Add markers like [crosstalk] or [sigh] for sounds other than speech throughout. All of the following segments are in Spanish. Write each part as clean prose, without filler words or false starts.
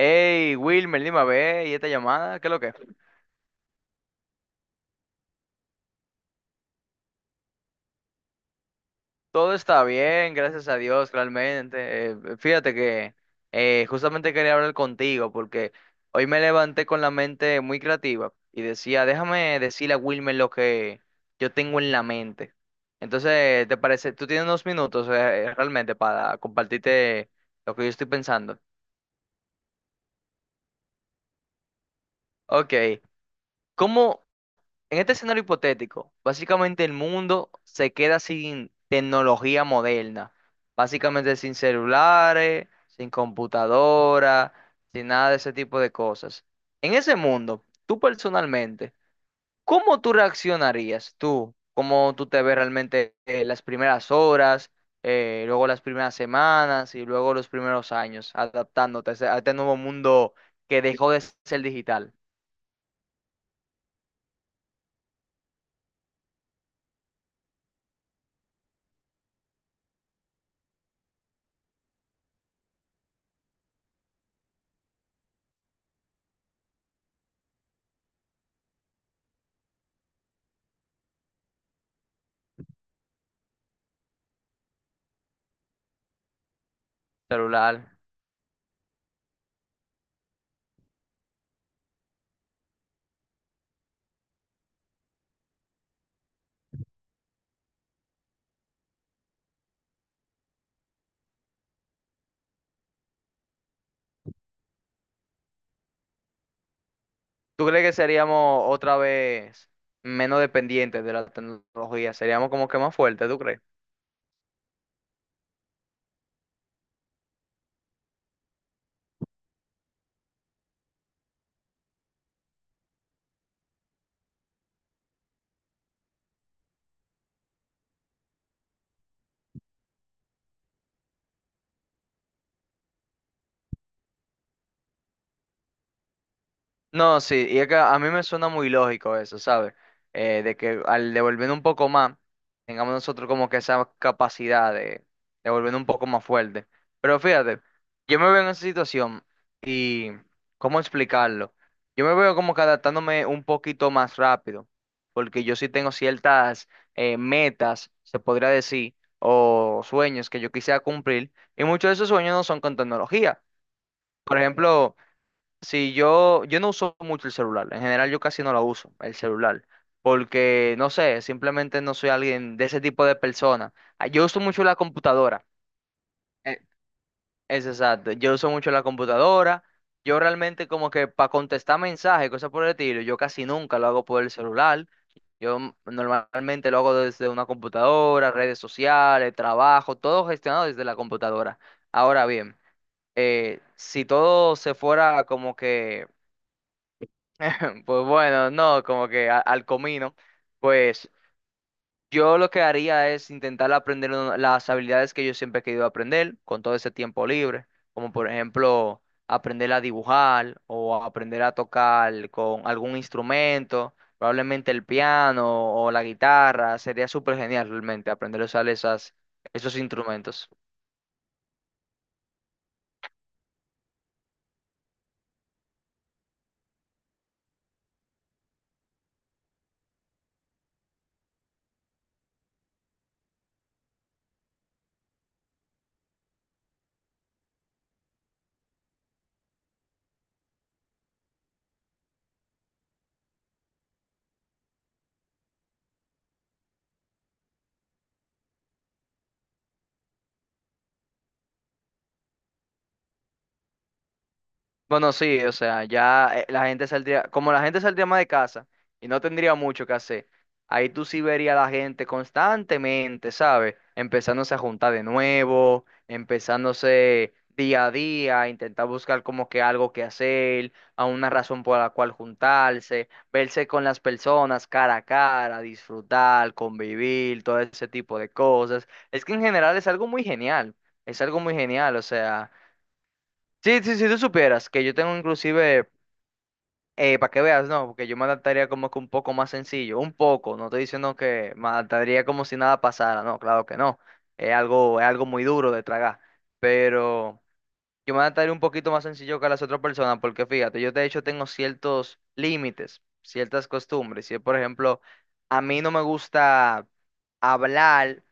Hey, Wilmer, dime a ver, ¿y esta llamada? ¿Qué es lo que es? Todo está bien, gracias a Dios, realmente. Fíjate que justamente quería hablar contigo porque hoy me levanté con la mente muy creativa y decía, déjame decirle a Wilmer lo que yo tengo en la mente. Entonces, ¿te parece? ¿Tú tienes unos minutos, realmente, para compartirte lo que yo estoy pensando? Ok, ¿cómo? En este escenario hipotético, básicamente el mundo se queda sin tecnología moderna, básicamente sin celulares, sin computadora, sin nada de ese tipo de cosas. En ese mundo, tú personalmente, ¿cómo tú reaccionarías tú? ¿Cómo tú te ves realmente, las primeras horas, luego las primeras semanas y luego los primeros años adaptándote a a este nuevo mundo que dejó de ser digital, celular? ¿Tú crees que seríamos otra vez menos dependientes de la tecnología? Seríamos como que más fuertes, ¿tú crees? No, sí, y es que a mí me suena muy lógico eso, ¿sabes? De que al devolver un poco más, tengamos nosotros como que esa capacidad de devolver un poco más fuerte. Pero fíjate, yo me veo en esa situación y, ¿cómo explicarlo? Yo me veo como que adaptándome un poquito más rápido, porque yo sí tengo ciertas metas, se podría decir, o sueños que yo quisiera cumplir, y muchos de esos sueños no son con tecnología. Por ejemplo... Sí, yo no uso mucho el celular. En general, yo casi no la uso, el celular. Porque, no sé, simplemente no soy alguien de ese tipo de persona. Ah, yo uso mucho la computadora. eh, Es exacto. Yo uso mucho la computadora. Yo realmente como que para contestar mensajes, cosas por el estilo, yo casi nunca lo hago por el celular. Yo normalmente lo hago desde una computadora, redes sociales, trabajo, todo gestionado desde la computadora. Ahora bien, si todo se fuera como que [laughs] pues bueno, no, como que al comino, pues yo lo que haría es intentar aprender las habilidades que yo siempre he querido aprender con todo ese tiempo libre, como por ejemplo aprender a dibujar o a aprender a tocar con algún instrumento, probablemente el piano o la guitarra, sería súper genial realmente aprender a usar esas, esos instrumentos. Bueno, sí, o sea, ya la gente saldría, como la gente saldría más de casa y no tendría mucho que hacer, ahí tú sí verías a la gente constantemente, ¿sabes? Empezándose a juntar de nuevo, empezándose día a día, a intentar buscar como que algo que hacer, a una razón por la cual juntarse, verse con las personas cara a cara, disfrutar, convivir, todo ese tipo de cosas. Es que en general es algo muy genial, es algo muy genial, o sea. Sí, sí, si tú supieras que yo tengo inclusive, para que veas, no, porque yo me adaptaría como que un poco más sencillo, un poco, no estoy diciendo que me adaptaría como si nada pasara, no, claro que no, es algo muy duro de tragar, pero yo me adaptaría un poquito más sencillo que las otras personas, porque fíjate, yo de hecho tengo ciertos límites, ciertas costumbres, si por ejemplo, a mí no me gusta hablar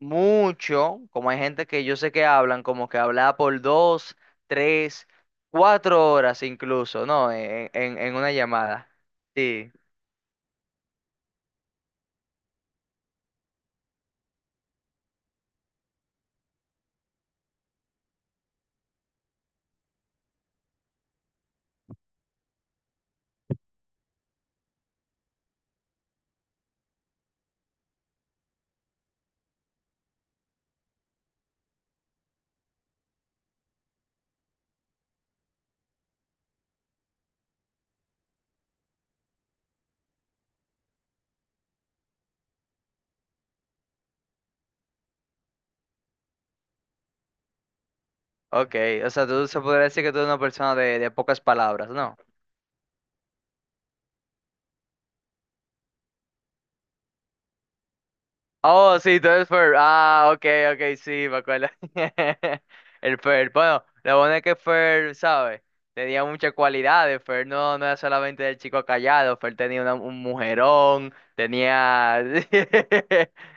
mucho, como hay gente que yo sé que hablan, como que hablaba por dos, tres, cuatro horas incluso, ¿no? En una llamada. Sí, ok. O sea, tú se podría decir que tú eres una persona de pocas palabras, ¿no? Oh, sí, tú eres Fer. Ah, ok, ok, sí, me acuerdo. [laughs] El Fer. Bueno, lo bueno es que Fer, ¿sabes? Tenía muchas cualidades. Fer no, no era solamente el chico callado. Fer tenía un mujerón. Tenía. [laughs]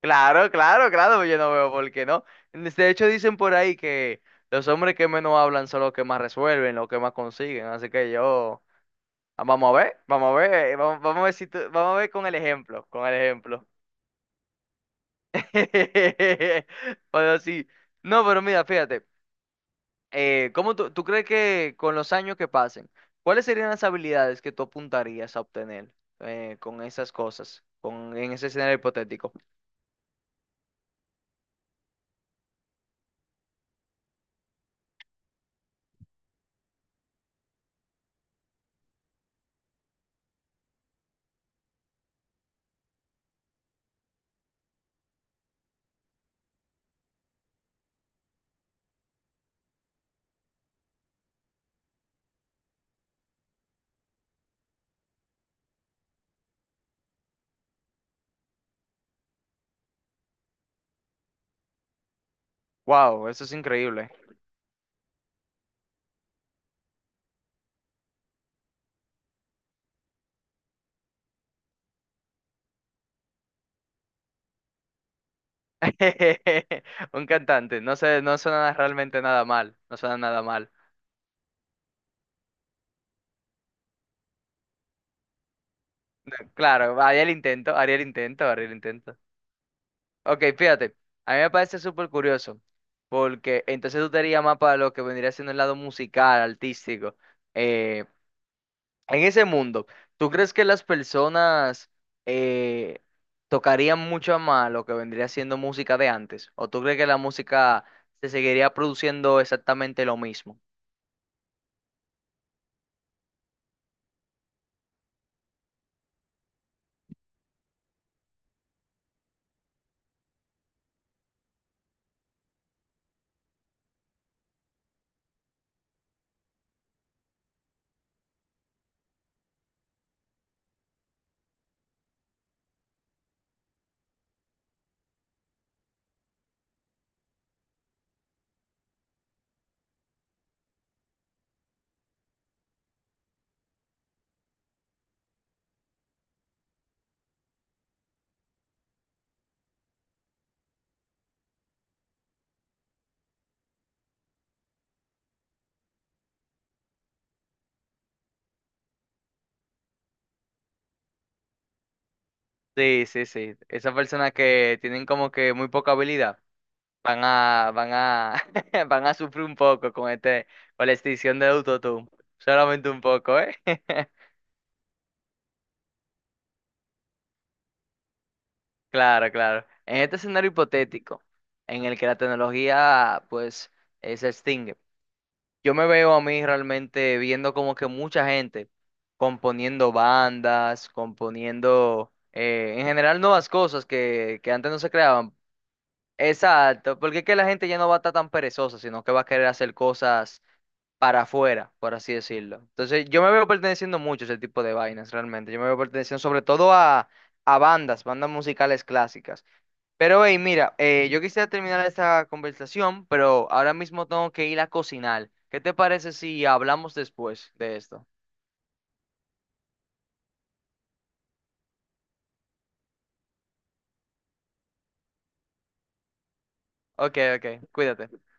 Claro, claro, claro, yo no veo por qué no. De hecho, dicen por ahí que los hombres que menos hablan son los que más resuelven, los que más consiguen. Así que yo, ah, vamos a ver, vamos a ver, vamos, vamos a ver si vamos a ver con el ejemplo, con el ejemplo. [laughs] Pero sí, no, pero mira, fíjate, ¿cómo tú crees que con los años que pasen, cuáles serían las habilidades que tú apuntarías a obtener con esas cosas, con, en ese escenario hipotético? Wow, eso es increíble. [laughs] Un cantante, no sé, no suena realmente nada mal, no suena nada mal. Claro, haría el intento, haría el intento, haría el intento. Ok, fíjate, a mí me parece súper curioso, porque entonces tú te harías más para lo que vendría siendo el lado musical, artístico. Eh, en ese mundo, ¿tú crees que las personas eh, tocarían mucho más lo que vendría siendo música de antes? ¿O tú crees que la música se seguiría produciendo exactamente lo mismo? Sí, sí, sí. Esas personas que tienen como que muy poca habilidad van a, [laughs] van a sufrir un poco con este, con la extinción de autotune. Solamente un poco, ¿eh? [laughs] Claro, claro. En este escenario hipotético, en el que la tecnología, pues, se extingue, yo me veo a mí realmente viendo como que mucha gente componiendo bandas, componiendo, en general nuevas cosas que antes no se creaban. Exacto, porque es que la gente ya no va a estar tan perezosa, sino que va a querer hacer cosas para afuera, por así decirlo. Entonces, yo me veo perteneciendo mucho a ese tipo de vainas, realmente. Yo me veo perteneciendo sobre todo a bandas, bandas musicales clásicas. Pero, hey, mira, yo quisiera terminar esta conversación, pero ahora mismo tengo que ir a cocinar. ¿Qué te parece si hablamos después de esto? Ok, ok, cuídate.